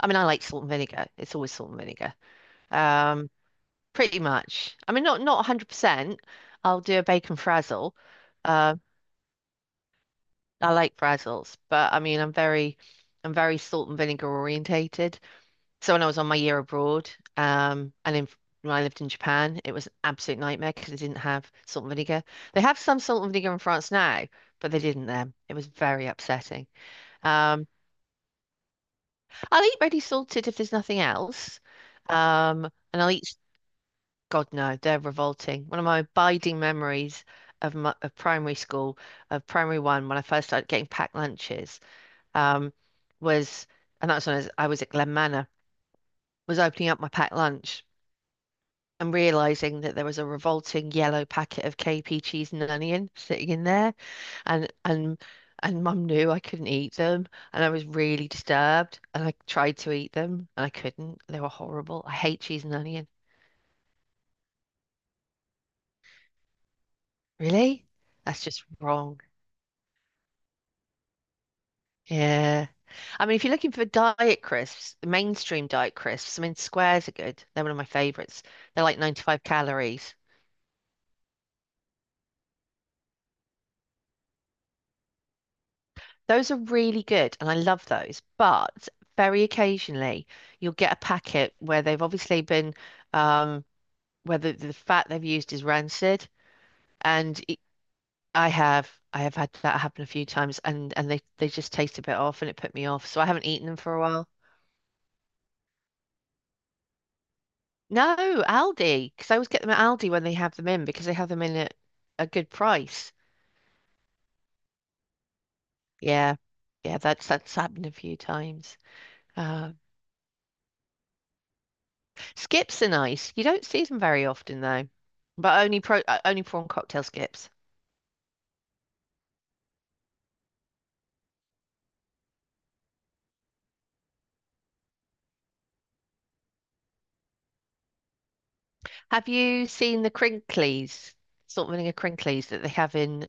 I mean, I like salt and vinegar. It's always salt and vinegar. Um, pretty much. I mean, not 100%. I'll do a bacon frazzle. Uh, I like frazzles, but I mean, I'm very salt and vinegar orientated. So when I was on my year abroad, and in when I lived in Japan, it was an absolute nightmare because they didn't have salt and vinegar. They have some salt and vinegar in France now, but they didn't then. It was very upsetting. Um, I'll eat ready salted if there's nothing else. Um, and I'll eat God, no, they're revolting. One of my abiding memories of primary school, of primary one, when I first started getting packed lunches, um, was, and that was when I was at Glen Manor, was opening up my packed lunch and realizing that there was a revolting yellow packet of KP cheese and onion sitting in there, and and Mum knew I couldn't eat them, and I was really disturbed, and I tried to eat them, and I couldn't. They were horrible. I hate cheese and onion. Really? That's just wrong. Yeah. I mean, if you're looking for diet crisps, mainstream diet crisps, I mean, squares are good. They're one of my favorites. They're like 95 calories. Those are really good, and I love those. But very occasionally, you'll get a packet where they've obviously been, um, where the fat they've used is rancid, and it, I have had that happen a few times, and and they just taste a bit off, and it put me off. So I haven't eaten them for a while. No, Aldi, because I always get them at Aldi when they have them in because they have them in at a good price. Yeah, yeah, that's happened a few times. Uh, skips are nice. You don't see them very often though, but only prawn cocktail skips. Have you seen the crinklies, salt vinegar crinklies that they have in?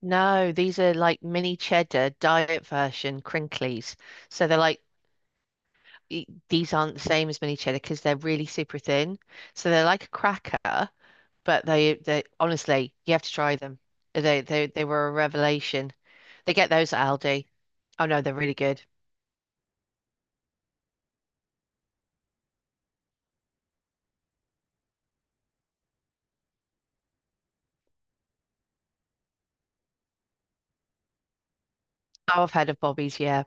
No, these are like mini cheddar diet version crinklies. So they're like these aren't the same as mini cheddar because they're really super thin. So they're like a cracker, but they honestly, you have to try them. They were a revelation. They get those at Aldi. Oh no, they're really good. Oh, I've heard of Bobby's, yeah.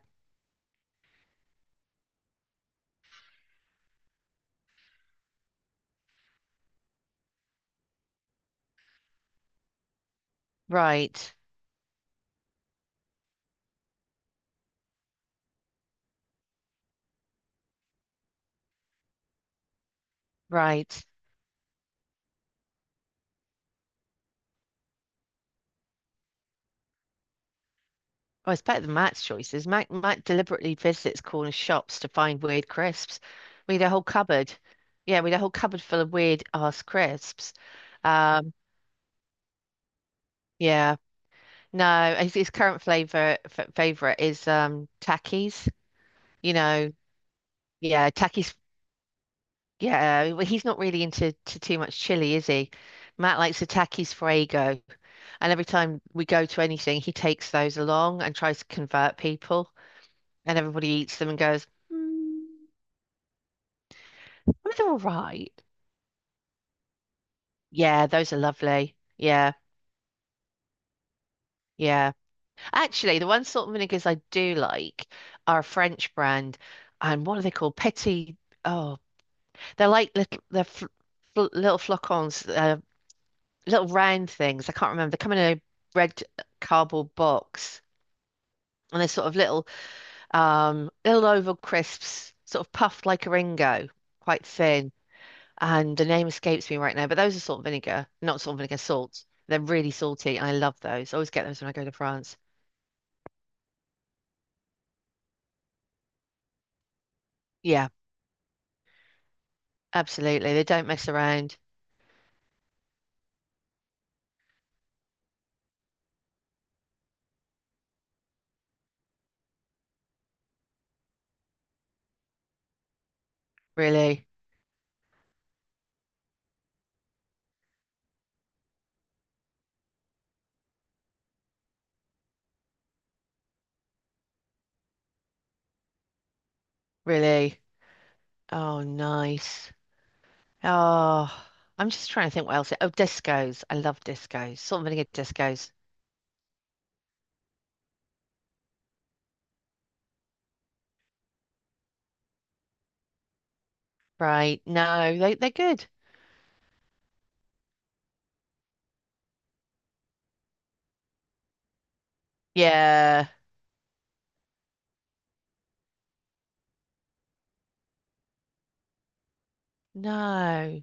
Right, right. Oh, it's better than Matt's choices. Matt deliberately visits corner shops to find weird crisps. We had a whole cupboard. Yeah, we had a whole cupboard full of weird ass crisps. Um, yeah. No, his current flavor f favorite is Takis. You know, yeah, Takis. Yeah, well, he's not really into to too much chili, is he? Matt likes the Takis Fuego, and every time we go to anything, he takes those along and tries to convert people, and everybody eats them and goes, mm, "Well, they're all right." Yeah, those are lovely. Yeah, yeah. Actually, the one salt and vinegars I do like are a French brand, and what are they called? Petit. Oh, they're like little, they're fl fl little flocons, little round things. I can't remember. They come in a red cardboard box and they're sort of little little oval crisps, sort of puffed like a Ringo, quite thin. And the name escapes me right now, but those are salt and vinegar, not salt and vinegar, salt. They're really salty and I love those. I always get those when I go to France. Yeah, absolutely. They don't mess around. Really, really. Oh, nice. Oh, I'm just trying to think what else. Oh, discos. I love discos. Salt and vinegar discos. Right. No, they they're good. Yeah. No.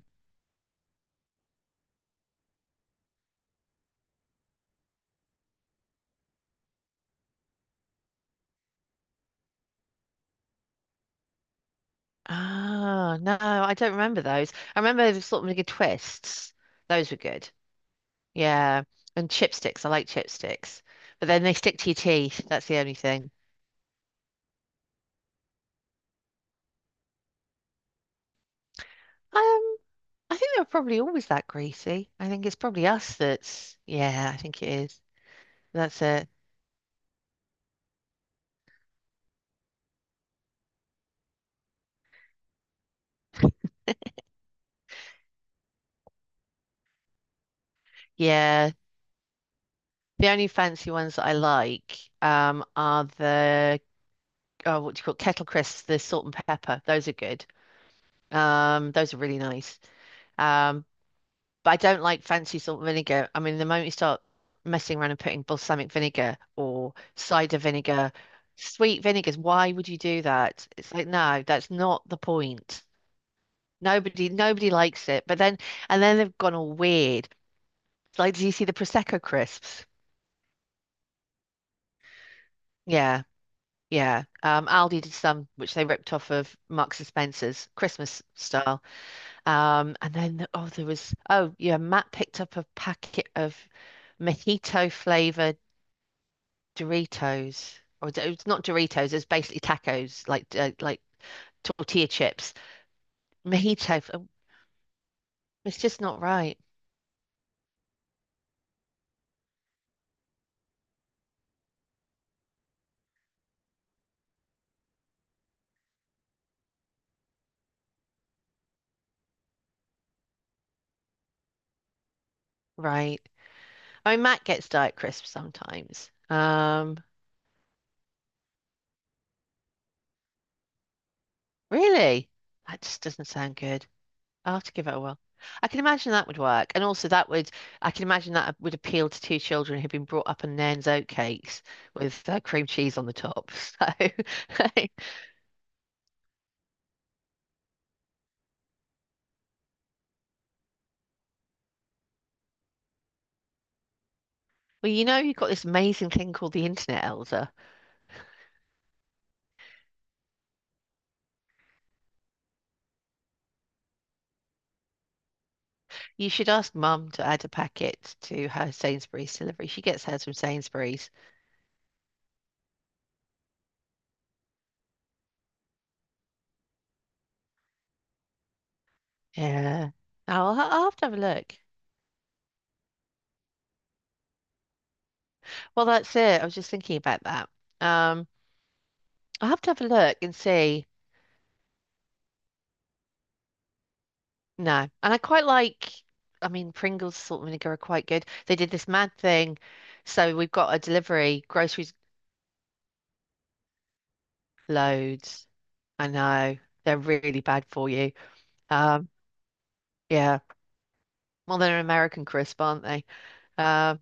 Ah, no, I don't remember those. I remember the sort of like twists. Those were good. Yeah. And chipsticks. I like chipsticks. But then they stick to your teeth. That's the only thing. Um, I think they were probably always that greasy. I think it's probably yeah, I think it is. That's it. Yeah. The only fancy ones that I like are the oh, what do you call it? Kettle crisps, the salt and pepper. Those are good. Those are really nice. Um, but I don't like fancy salt vinegar. I mean, the moment you start messing around and putting balsamic vinegar or cider vinegar, sweet vinegars, why would you do that? It's like, no, that's not the point. Nobody likes it. But then, and then they've gone all weird. It's like, do you see the Prosecco crisps? Yeah, yeah. Aldi did some, which they ripped off of Marks and Spencer's Christmas style. And then the- oh, there was oh yeah, Matt picked up a packet of mojito flavored Doritos, or it's not Doritos, it's basically tacos, like tortilla chips. Mojito, f- oh, it's just not right, right? I mean, Matt gets Diet Crisp sometimes. Really, that just doesn't sound good. I'll have to give it a whirl. I can imagine that would work. And also that would, I can imagine that would appeal to two children who've been brought up on Nairn's oatcakes with cream cheese on the top. So, well, you know, you've got this amazing thing called the Internet Elsa. You should ask Mum to add a packet to her Sainsbury's delivery. She gets hers from Sainsbury's. Yeah. I'll have to have a look. Well, that's it. I was just thinking about that. Um, I'll have to have a look and see. No. And I quite like, I mean, Pringles salt vinegar are quite good. They did this mad thing. So we've got a delivery, groceries loads. I know. They're really bad for you. Um, yeah. Well, they're an American crisp, aren't they? Um,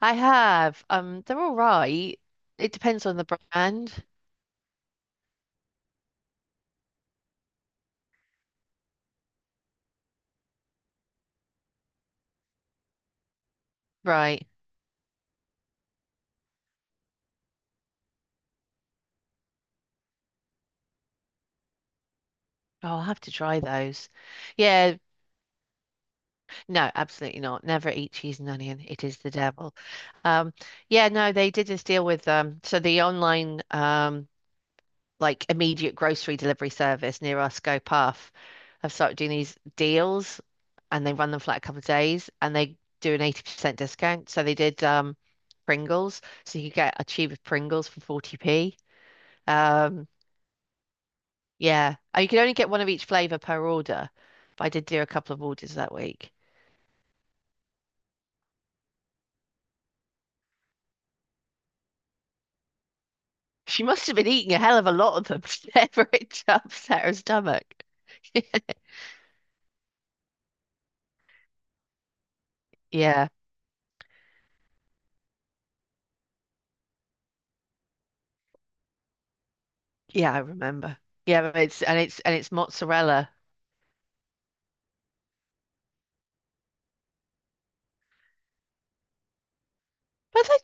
I have. They're all right. It depends on the brand. Right. Oh, I'll have to try those. Yeah, no, absolutely not. Never eat cheese and onion. It is the devil. Um, yeah, no, they did this deal with so the online like immediate grocery delivery service near our Scope Off have started doing these deals and they run them for like a couple of days and they do an 80% discount. So they did Pringles. So you could get a tube of Pringles for 40p. Um yeah. Oh, you could only get one of each flavour per order. But I did do a couple of orders that week. She must have been eating a hell of a lot of them to ever it upset her stomach. Yeah. Yeah, I remember. Yeah, but it's and it's mozzarella. But I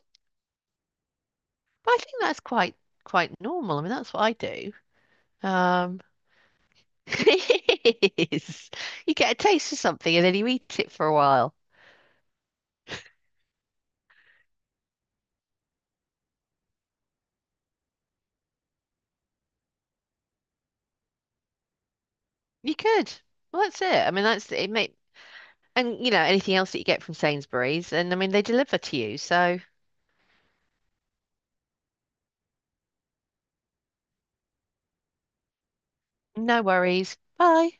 But I think that's quite normal. I mean, that's what I do. Um, it is you get a taste of something and then you eat it for a while. You could. Well, that's it. I mean, that's it. May, and you know anything else that you get from Sainsbury's, and I mean they deliver to you, so no worries. Bye.